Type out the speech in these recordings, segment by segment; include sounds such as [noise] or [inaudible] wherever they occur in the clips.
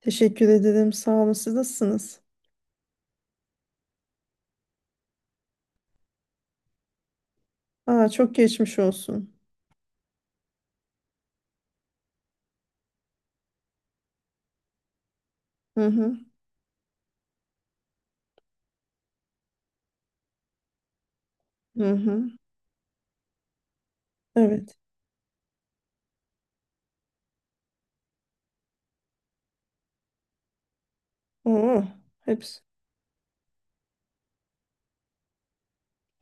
Teşekkür ederim. Sağ olun. Siz nasılsınız? Aa, çok geçmiş olsun. Hı hı. Hı hı. Evet. Oo, hepsi.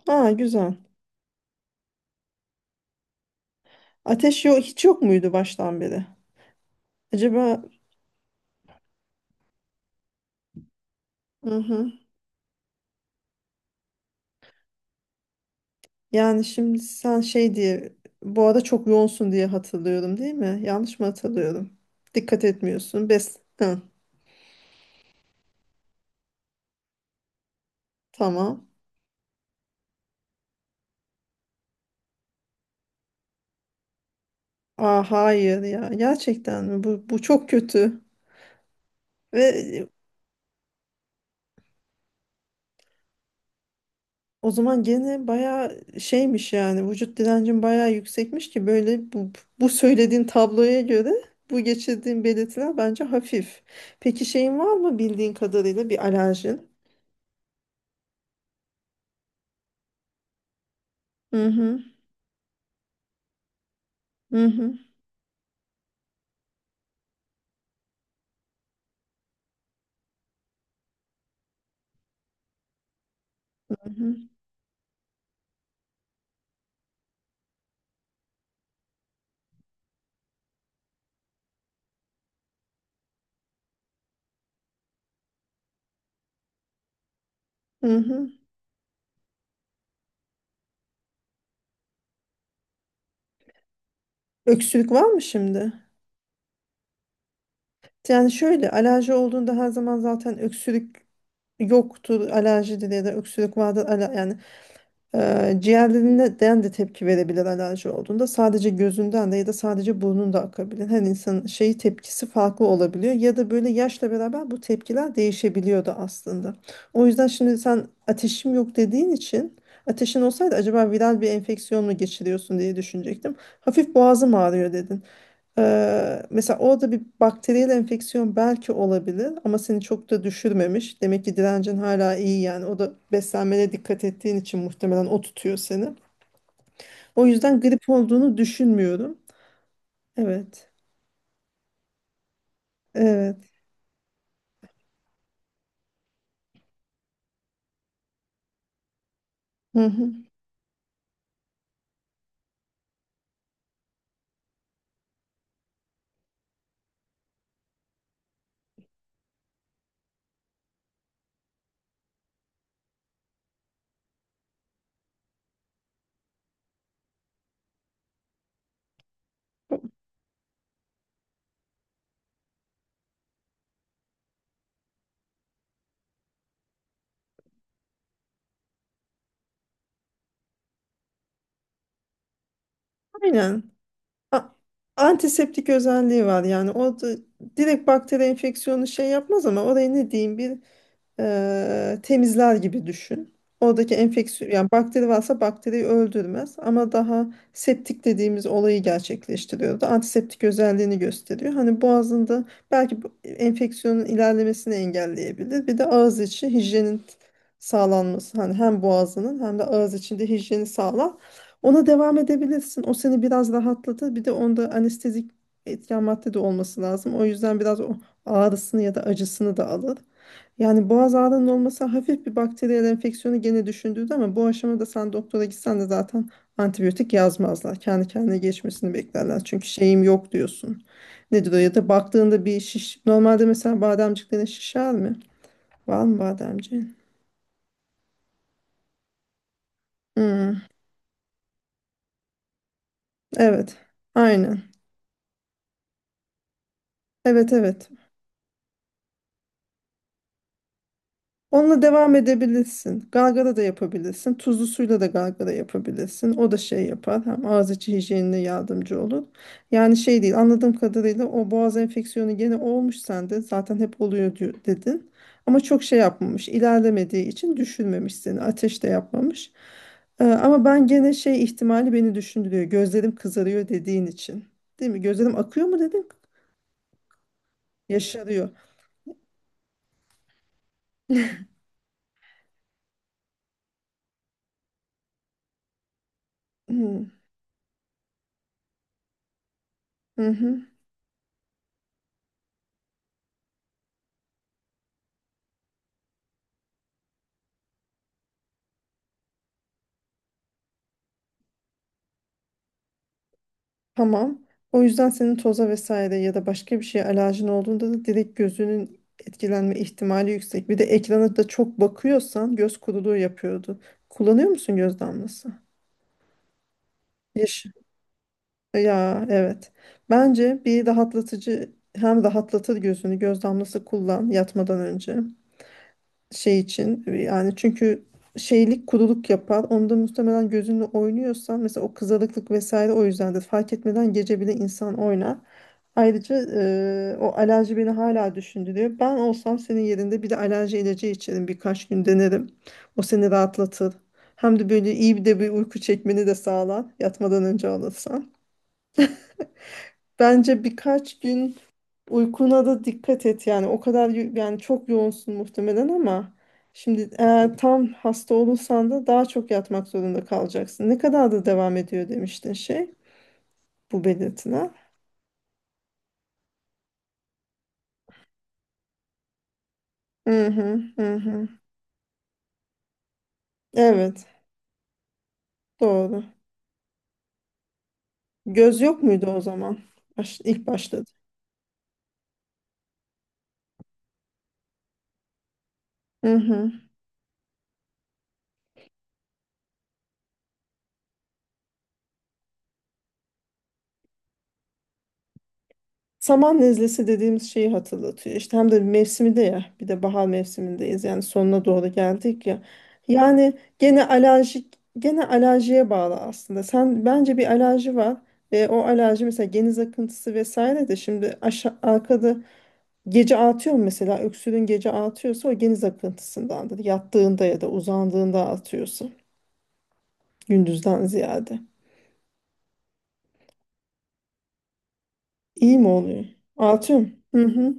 Aa, güzel. Ateş yok, hiç yok muydu baştan beri? Acaba hı hı. Yani şimdi sen şey diye bu arada çok yoğunsun diye hatırlıyorum, değil mi? Yanlış mı hatırlıyorum? Dikkat etmiyorsun. Tamam. Aa, hayır ya. Gerçekten mi? Bu çok kötü. Ve O zaman gene bayağı şeymiş, yani vücut direncin bayağı yüksekmiş ki böyle bu söylediğin tabloya göre bu geçirdiğin belirtiler bence hafif. Peki şeyin var mı, bildiğin kadarıyla bir alerjin? Hı hı. Hı hı. Hı hı. hı. hı. Öksürük var mı şimdi? Yani şöyle, alerji olduğunda her zaman zaten öksürük yoktur, alerjidir, ya da öksürük vardır. Yani ciğerlerinden de tepki verebilir alerji olduğunda, sadece gözünden de ya da sadece burnun da akabilir. Her insanın şeyi, tepkisi farklı olabiliyor ya da böyle yaşla beraber bu tepkiler değişebiliyor da aslında. O yüzden şimdi sen ateşim yok dediğin için, ateşin olsaydı acaba viral bir enfeksiyon mu geçiriyorsun diye düşünecektim. Hafif boğazım ağrıyor dedin. Mesela orada bir bakteriyel enfeksiyon belki olabilir ama seni çok da düşürmemiş. Demek ki direncin hala iyi, yani. O da beslenmene dikkat ettiğin için muhtemelen o tutuyor seni. O yüzden grip olduğunu düşünmüyorum. Evet. Evet. Hı hı. Aynen. A- Antiseptik özelliği var yani. O da direkt bakteri enfeksiyonu şey yapmaz ama oraya ne diyeyim, bir temizler gibi düşün. Oradaki enfeksiyon, yani bakteri varsa bakteriyi öldürmez ama daha septik dediğimiz olayı gerçekleştiriyor da antiseptik özelliğini gösteriyor. Hani boğazında belki bu enfeksiyonun ilerlemesini engelleyebilir. Bir de ağız içi hijyenin sağlanması, hani hem boğazının hem de ağız içinde hijyeni sağlar. Ona devam edebilirsin. O seni biraz rahatlatır. Bir de onda anestezik etken madde de olması lazım. O yüzden biraz o ağrısını ya da acısını da alır. Yani boğaz ağrının olması hafif bir bakteriyel enfeksiyonu gene düşündürdü ama bu aşamada sen doktora gitsen de zaten antibiyotik yazmazlar. Kendi kendine geçmesini beklerler. Çünkü şeyim yok diyorsun. Nedir o, ya da baktığında bir şiş. Normalde mesela bademciklerin şişer mi? Var mı bademciğin? Hmm, evet. Aynen. Evet, evet. Onunla devam edebilirsin. Galgara da yapabilirsin. Tuzlu suyla da galgara yapabilirsin. O da şey yapar. Hem ağız içi hijyenine yardımcı olur. Yani şey değil, anladığım kadarıyla o boğaz enfeksiyonu gene olmuş sende. Zaten hep oluyor dedin. Ama çok şey yapmamış, ilerlemediği için düşürmemiş seni. Ateş de yapmamış. Ama ben gene şey ihtimali beni düşündürüyor. Gözlerim kızarıyor dediğin için. Değil mi? Gözlerim akıyor mu dedin? Yaşarıyor. Hı hı. Tamam. O yüzden senin toza vesaire ya da başka bir şeye alerjin olduğunda da direkt gözünün etkilenme ihtimali yüksek. Bir de ekrana da çok bakıyorsan, göz kuruluğu yapıyordu. Kullanıyor musun göz damlası? Yaş. Ya, evet. Bence bir rahatlatıcı hem rahatlatır gözünü, göz damlası kullan yatmadan önce. Şey için, yani çünkü şeylik, kuruluk yapar. Onda muhtemelen gözünle oynuyorsan mesela, o kızarıklık vesaire o yüzdendir. Fark etmeden gece bile insan oynar. Ayrıca o alerji beni hala düşündürüyor. Ben olsam senin yerinde bir de alerji ilacı içerim, birkaç gün denerim. O seni rahatlatır. Hem de böyle iyi bir de bir uyku çekmeni de sağlar yatmadan önce alırsan. Bence birkaç gün uykuna da dikkat et. Yani o kadar yani çok yoğunsun muhtemelen ama şimdi eğer tam hasta olursan da daha çok yatmak zorunda kalacaksın. Ne kadar da devam ediyor demiştin, bu belirtiler? Hı hı hı hı. Evet, doğru. Göz yok muydu o zaman? Baş, ilk başladı. Hı hı Saman nezlesi dediğimiz şeyi hatırlatıyor. İşte hem de mevsimi de, ya bir de bahar mevsimindeyiz yani, sonuna doğru geldik ya. Yani gene alerjik, gene alerjiye bağlı aslında. Sen bence bir alerji var. E, o alerji mesela geniz akıntısı vesaire de şimdi arkada, gece artıyor mu mesela öksürüğün? Gece artıyorsa o geniz akıntısındandır. Yattığında ya da uzandığında artıyorsa, gündüzden ziyade. İyi mi oluyor? Artıyor mu? Hı hı.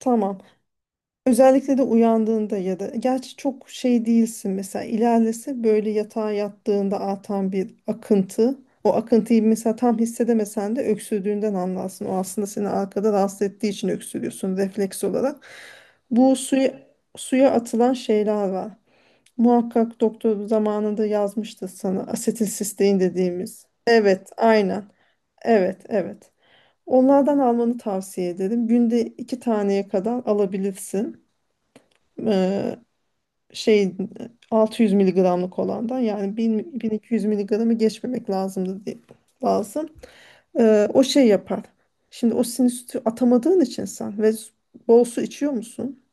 Tamam. Özellikle de uyandığında, ya da gerçi çok şey değilsin mesela ilerlese böyle yatağa yattığında atan bir akıntı, o akıntıyı mesela tam hissedemesen de öksürdüğünden anlarsın. O aslında seni arkada rahatsız ettiği için öksürüyorsun refleks olarak. Bu suya, suya atılan şeyler var. Muhakkak doktor zamanında yazmıştı sana, asetilsistein dediğimiz. Evet, aynen. Evet, evet. Onlardan almanı tavsiye ederim. Günde iki taneye kadar alabilirsin. Eee, şey 600 miligramlık olandan, yani 1000, 1200 miligramı geçmemek lazım. O şey yapar. Şimdi o sinüsü atamadığın için sen, bol su içiyor musun?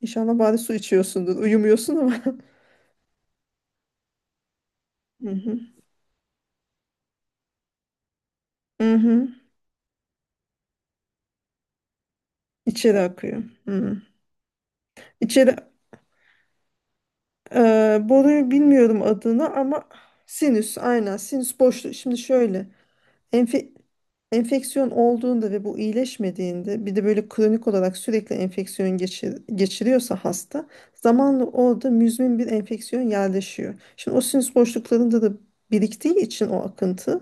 İnşallah bari su içiyorsundur. Uyumuyorsun ama. [laughs] Hı hı. Hı hı. İçeri akıyor. Hı. İçeri boruyu bilmiyorum adını ama sinüs, aynen, sinüs boşluğu. Şimdi şöyle, Enfe- enfeksiyon olduğunda ve bu iyileşmediğinde, bir de böyle kronik olarak sürekli enfeksiyon geçiriyorsa hasta, zamanla orada müzmin bir enfeksiyon yerleşiyor. Şimdi o sinüs boşluklarında da biriktiği için o akıntı,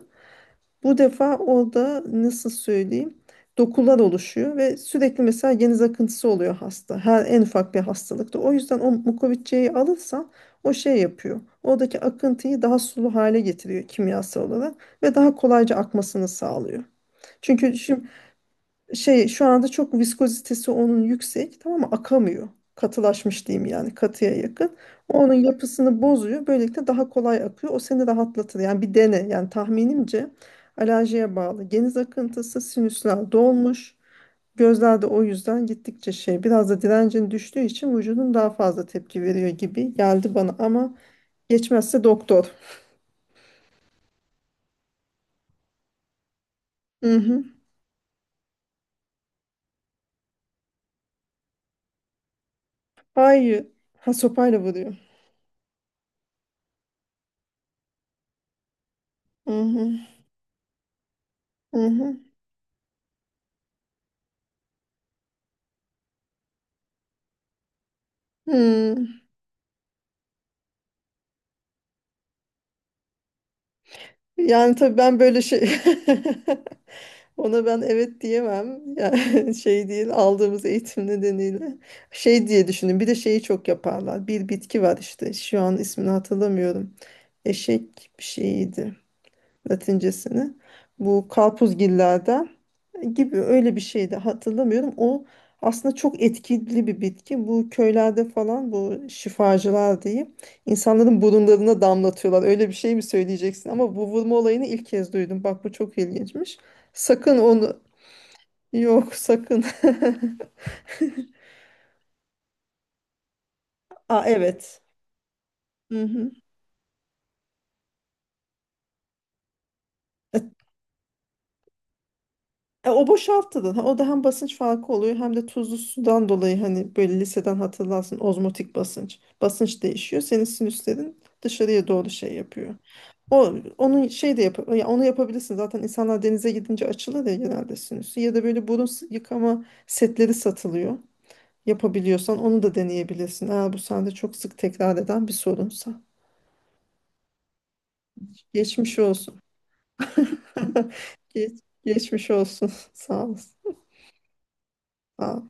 bu defa orada nasıl söyleyeyim, dokular oluşuyor ve sürekli mesela geniz akıntısı oluyor hasta. Her en ufak bir hastalıkta. O yüzden o mukovisçeyi alırsan o şey yapıyor. Oradaki akıntıyı daha sulu hale getiriyor kimyasal olarak, ve daha kolayca akmasını sağlıyor. Çünkü şimdi şey, şu anda çok viskozitesi onun yüksek, tamam mı, akamıyor. Katılaşmış diyeyim, yani katıya yakın. O onun yapısını bozuyor. Böylelikle daha kolay akıyor. O seni rahatlatır. Yani bir dene. Yani tahminimce alerjiye bağlı. Geniz akıntısı, sinüsler dolmuş. Gözlerde o yüzden gittikçe şey, biraz da direncin düştüğü için vücudun daha fazla tepki veriyor gibi geldi bana ama geçmezse doktor. Hı hı. Hayır. Ha, sopayla vuruyor. Hı hı. Hı hı. Hı. Yani tabii ben böyle şey, [laughs] ona ben evet diyemem. Yani [laughs] şey değil, aldığımız eğitim nedeniyle şey diye düşündüm. Bir de şeyi çok yaparlar. Bir bitki var işte, şu an ismini hatırlamıyorum. Eşek bir şeyiydi Latincesini. Bu karpuzgillerden gibi öyle bir şeydi, hatırlamıyorum. O aslında çok etkili bir bitki. Bu köylerde falan bu şifacılar diyeyim, insanların burunlarına damlatıyorlar. Öyle bir şey mi söyleyeceksin? Ama bu vurma olayını ilk kez duydum. Bak, bu çok ilginçmiş. Sakın onu, yok sakın. [laughs] Aa, evet. Hı hı. E, o boşaltılır. Ha, o da hem basınç farkı oluyor hem de tuzlu sudan dolayı, hani böyle liseden hatırlarsın, ozmotik basınç. Basınç değişiyor. Senin sinüslerin dışarıya doğru şey yapıyor. O onun şey de yap, ya onu yapabilirsin. Zaten insanlar denize gidince açılır ya genelde sinüsü. Ya da böyle yıkama setleri satılıyor. Yapabiliyorsan onu da deneyebilirsin. Eğer bu sende çok sık tekrar eden bir sorunsa. Geçmiş olsun. [laughs] Geç, geçmiş olsun. [laughs] Sağ olasın. Sağ ol.